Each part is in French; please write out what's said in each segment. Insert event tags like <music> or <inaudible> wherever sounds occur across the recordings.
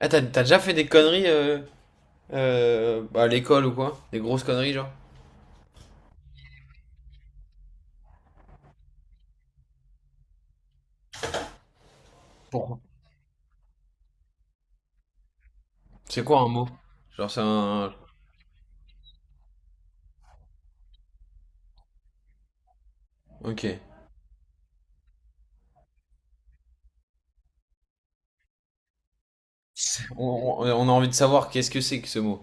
Ah, t'as déjà fait des conneries bah, à l'école ou quoi? Des grosses conneries, genre? Pour- C'est quoi un mot? Genre, c'est un. Ok. On, on a envie de savoir qu'est-ce que c'est que ce mot.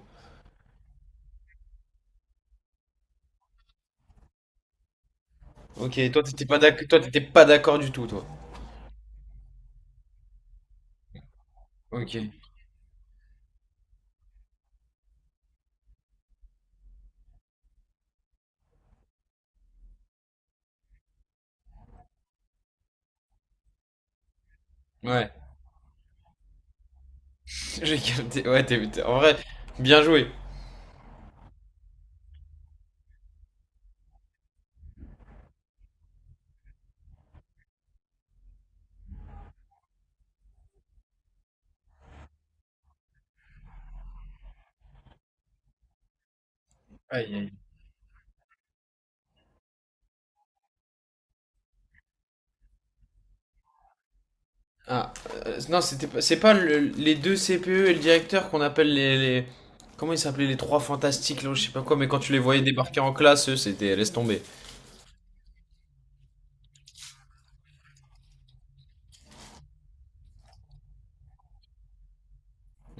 Ok, toi, t'étais pas d'accord, toi, t'étais pas d'accord du tout, toi. Ok. Ouais. <laughs> J'ai capté. Ouais, en vrai, bien joué. Aïe, aïe. Ah, non, c'était pas, c'est pas les deux CPE et le directeur qu'on appelle les. Comment ils s'appelaient les trois fantastiques, là, je sais pas quoi, mais quand tu les voyais débarquer en classe, eux, c'était laisse tomber.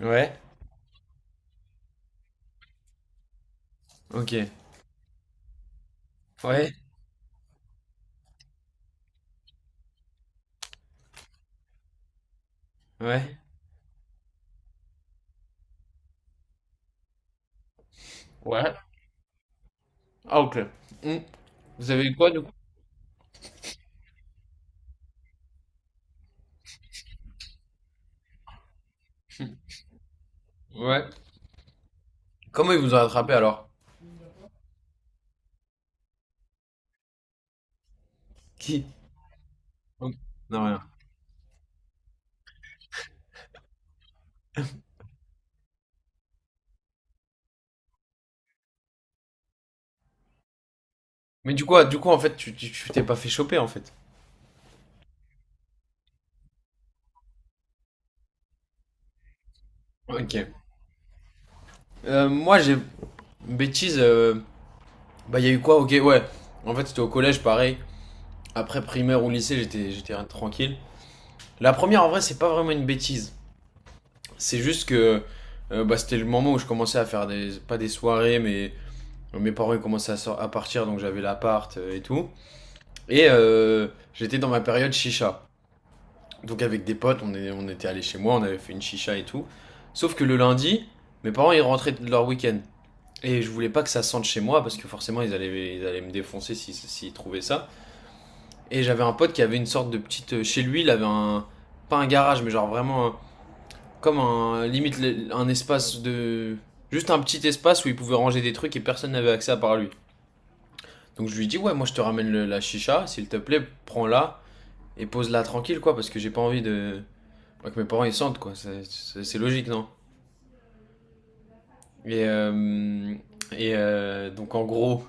Ouais. Ok. Ouais. Ouais. Ouais. Ah, ok. Hmm. Vous avez eu quoi, du coup? Ouais. Comment ils vous ont attrapé alors? Qui? Ok. Non, rien. Mais du coup, en fait, tu t'es pas fait choper en fait. Ok. Moi, j'ai une bêtise. Bah, il y a eu quoi? Ok, ouais. En fait, c'était au collège, pareil. Après primaire ou lycée, j'étais tranquille. La première, en vrai, c'est pas vraiment une bêtise. C'est juste que bah, c'était le moment où je commençais à faire des pas des soirées, mais mes parents ils commençaient à partir, donc j'avais l'appart et tout. Et j'étais dans ma période chicha. Donc avec des potes, on était allés chez moi, on avait fait une chicha et tout. Sauf que le lundi, mes parents ils rentraient de leur week-end. Et je voulais pas que ça sente chez moi parce que forcément ils allaient me défoncer si si, s'ils trouvaient ça. Et j'avais un pote qui avait une sorte de petite. Chez lui, il avait un. Pas un garage, mais genre vraiment comme un. Limite un espace de. Juste un petit espace où il pouvait ranger des trucs et personne n'avait accès à part lui. Donc je lui dis, ouais, moi je te ramène la chicha, s'il te plaît, prends-la. Et pose-la tranquille, quoi, parce que j'ai pas envie de. Que mes parents ils sentent, quoi. Logique, non? Et, donc, en gros,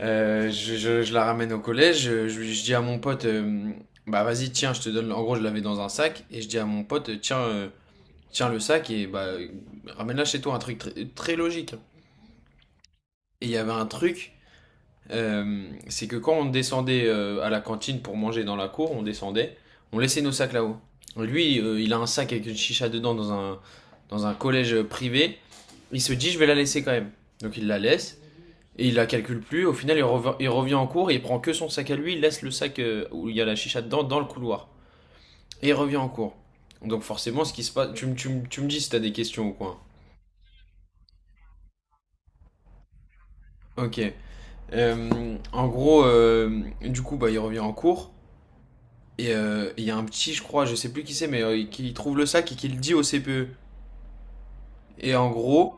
je la ramène au collège. Je dis à mon pote, bah, vas-y, tiens, je te donne. En gros, je l'avais dans un sac, et je dis à mon pote, tiens le sac, et bah, ramène-la chez toi, un truc très logique. Et il y avait un truc c'est que quand on descendait à la cantine pour manger dans la cour, on descendait, on laissait nos sacs là-haut. Lui, il a un sac avec une chicha dedans, dans un collège privé. Il se dit, je vais la laisser quand même. Donc il la laisse et il la calcule plus. Au final, il revient en cours et il prend que son sac à lui. Il laisse le sac où il y a la chicha dedans dans le couloir. Et il revient en cours. Donc forcément, ce qui se passe. Tu me dis si t'as des questions ou quoi. Ok. En gros, du coup, bah, il revient en cours. Et il y a un petit, je crois, je sais plus qui c'est, mais qui trouve le sac et qui le dit au CPE. Et en gros,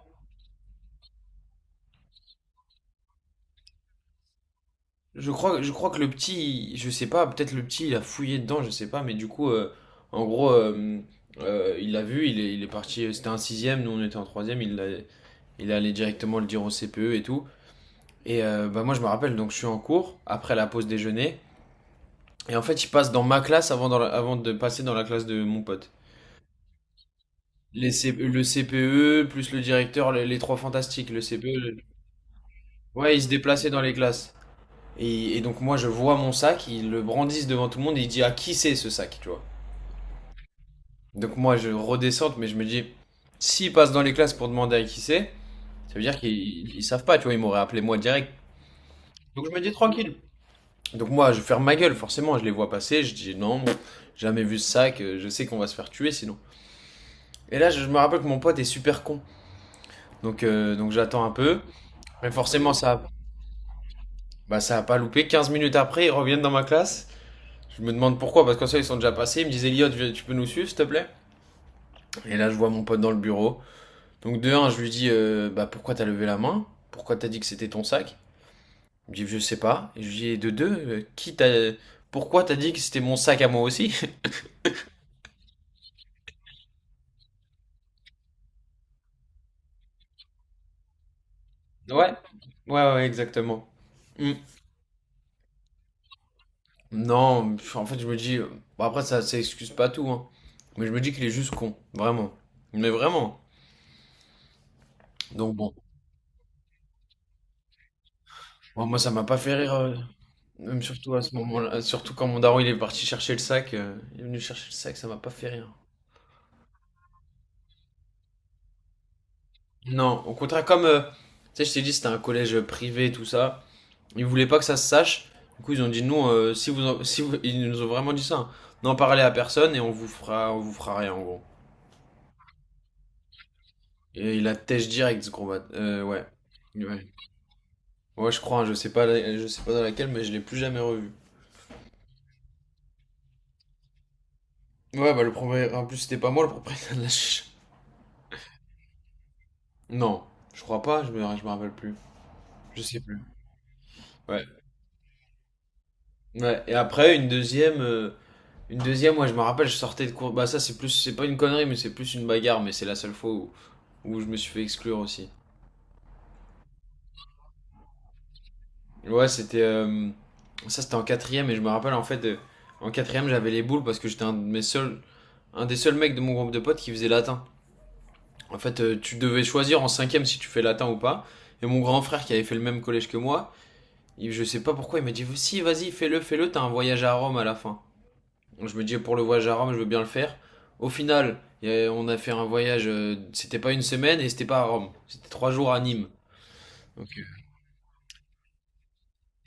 je crois que le petit, je sais pas, peut-être le petit, il a fouillé dedans, je sais pas, mais du coup, en gros, il l'a vu, il est parti, c'était un sixième, nous on était en troisième, il est allé directement le dire au CPE et tout. Et bah moi je me rappelle, donc je suis en cours, après la pause déjeuner, et en fait il passe dans ma classe avant, avant de passer dans la classe de mon pote. Le CPE, plus le directeur, les trois fantastiques, le CPE. Ouais, il se déplaçait dans les classes. Et donc moi, je vois mon sac, ils le brandissent devant tout le monde et il dit, à qui c'est ce sac, tu vois. Donc moi, je redescends, mais je me dis, s'ils passent dans les classes pour demander à qui c'est, ça veut dire qu'ils savent pas, tu vois, ils m'auraient appelé moi direct. Donc je me dis tranquille. Donc moi, je ferme ma gueule, forcément, je les vois passer, je dis non, pff, jamais vu ce sac, je sais qu'on va se faire tuer sinon. Et là, je me rappelle que mon pote est super con. Donc j'attends un peu. Mais forcément, ça, bah, ça a pas loupé. 15 minutes après, ils reviennent dans ma classe. Je me demande pourquoi, parce qu'en ça, ils sont déjà passés. Ils me disent, Elliot, tu peux nous suivre, s'il te plaît. Et là, je vois mon pote dans le bureau. Donc, de un, je lui dis, bah, pourquoi t'as levé la main? Pourquoi t'as dit que c'était ton sac? Il me dit, je sais pas. Et je lui dis, de deux, qui t'a. Pourquoi t'as dit que c'était mon sac à moi aussi? <laughs> Ouais, ouais, ouais, exactement. Hmm. Non, pff, en fait, je me dis. Bon, après, ça excuse pas tout, hein. Mais je me dis qu'il est juste con, vraiment. Mais vraiment. Donc, bon. Bon, moi, ça m'a pas fait rire, même surtout à ce moment-là, surtout quand mon daron il est parti chercher le sac, il est venu chercher le sac, ça m'a pas fait rire. Non, au contraire, comme tu sais, je t'ai dit, c'était un collège privé, tout ça, ils voulaient pas que ça se sache. Du coup, ils ont dit non, si vous, en- si vous- ils nous ont vraiment dit ça, hein. N'en parlez à personne et on vous fera rien en gros. Et il a têche direct ce gros bat. Ouais, ouais, ouais, je crois, hein, je sais pas, je sais pas dans laquelle, mais je l'ai plus jamais revu. Ouais, bah le premier, en plus c'était pas moi le propriétaire de la ch- Non, je crois pas, je me rappelle plus. Je sais plus. Ouais. Ouais. Et après, une deuxième, moi je me rappelle, je sortais de cours. Bah, ça, c'est plus, c'est pas une connerie, mais c'est plus une bagarre, mais c'est la seule fois où je me suis fait exclure aussi. Ouais, c'était. Ça, c'était en quatrième, et je me rappelle, en fait, en quatrième, j'avais les boules parce que j'étais un de mes seuls. Un des seuls mecs de mon groupe de potes qui faisait latin. En fait, tu devais choisir en cinquième si tu fais latin ou pas. Et mon grand frère qui avait fait le même collège que moi, je sais pas pourquoi, il m'a dit si, vas-y, fais-le, t'as un voyage à Rome à la fin. Je me dis pour le voyage à Rome, je veux bien le faire. Au final, on a fait un voyage, c'était pas une semaine et c'était pas à Rome, c'était 3 jours à Nîmes. Ok.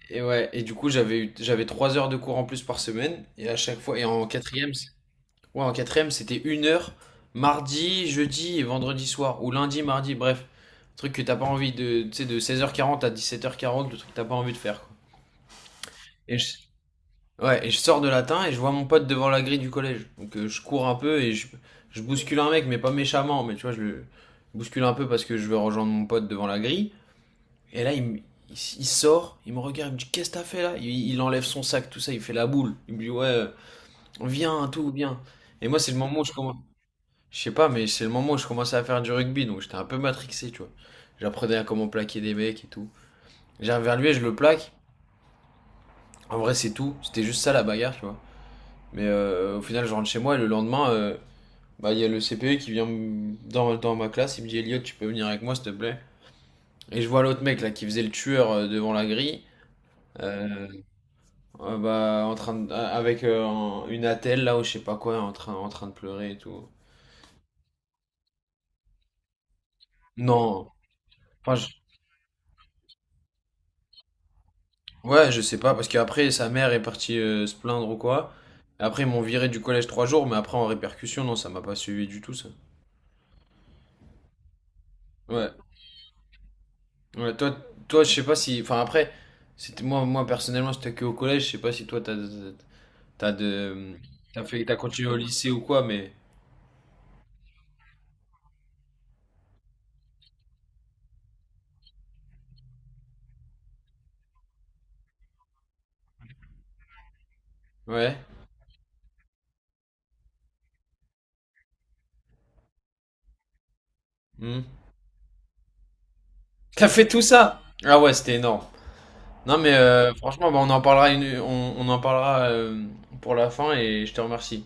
Et ouais, et du coup, j'avais 3 heures de cours en plus par semaine, et à chaque fois, et en quatrième, ouais, en quatrième, c'était une heure, mardi, jeudi et vendredi soir, ou lundi, mardi, bref. Un truc que t'as pas envie de, tu sais, de 16h40 à 17h40, le truc que t'as pas envie de faire, quoi. Et je Ouais, et je sors de latin et je vois mon pote devant la grille du collège. Donc je cours un peu et je bouscule un mec, mais pas méchamment, mais tu vois, je le bouscule un peu parce que je veux rejoindre mon pote devant la grille. Et là, il sort, il me regarde, il me dit, qu'est-ce que t'as fait là? Il enlève son sac, tout ça, il fait la boule. Il me dit, ouais, viens, tout, viens. Et moi, c'est le moment où je commence. Je sais pas, mais c'est le moment où je commençais à faire du rugby, donc j'étais un peu matrixé, tu vois. J'apprenais à comment plaquer des mecs et tout. J'arrive vers lui et je le plaque. En vrai, c'est tout. C'était juste ça la bagarre, tu vois. Mais au final, je rentre chez moi et le lendemain, bah, il y a le CPE qui vient dans ma classe. Il me dit, Elliot, tu peux venir avec moi, s'il te plaît. Et je vois l'autre mec là qui faisait le tueur devant la grille, euh, bah, avec une attelle là ou je sais pas quoi, en train de pleurer et tout. Non, enfin, ouais, je sais pas parce qu'après sa mère est partie se plaindre ou quoi. Après, ils m'ont viré du collège 3 jours, mais après en répercussion, non, ça m'a pas suivi du tout ça. Ouais. Ouais, toi, je sais pas si. Enfin, après, c'était moi, moi personnellement, j'étais que au collège. Je sais pas si toi, t'as, t'as de, t'as fait, t'as continué au lycée ou quoi, mais ouais. Hmm. T'as fait tout ça? Ah ouais, c'était énorme. Non, mais franchement, bah, on en parlera pour la fin et je te remercie.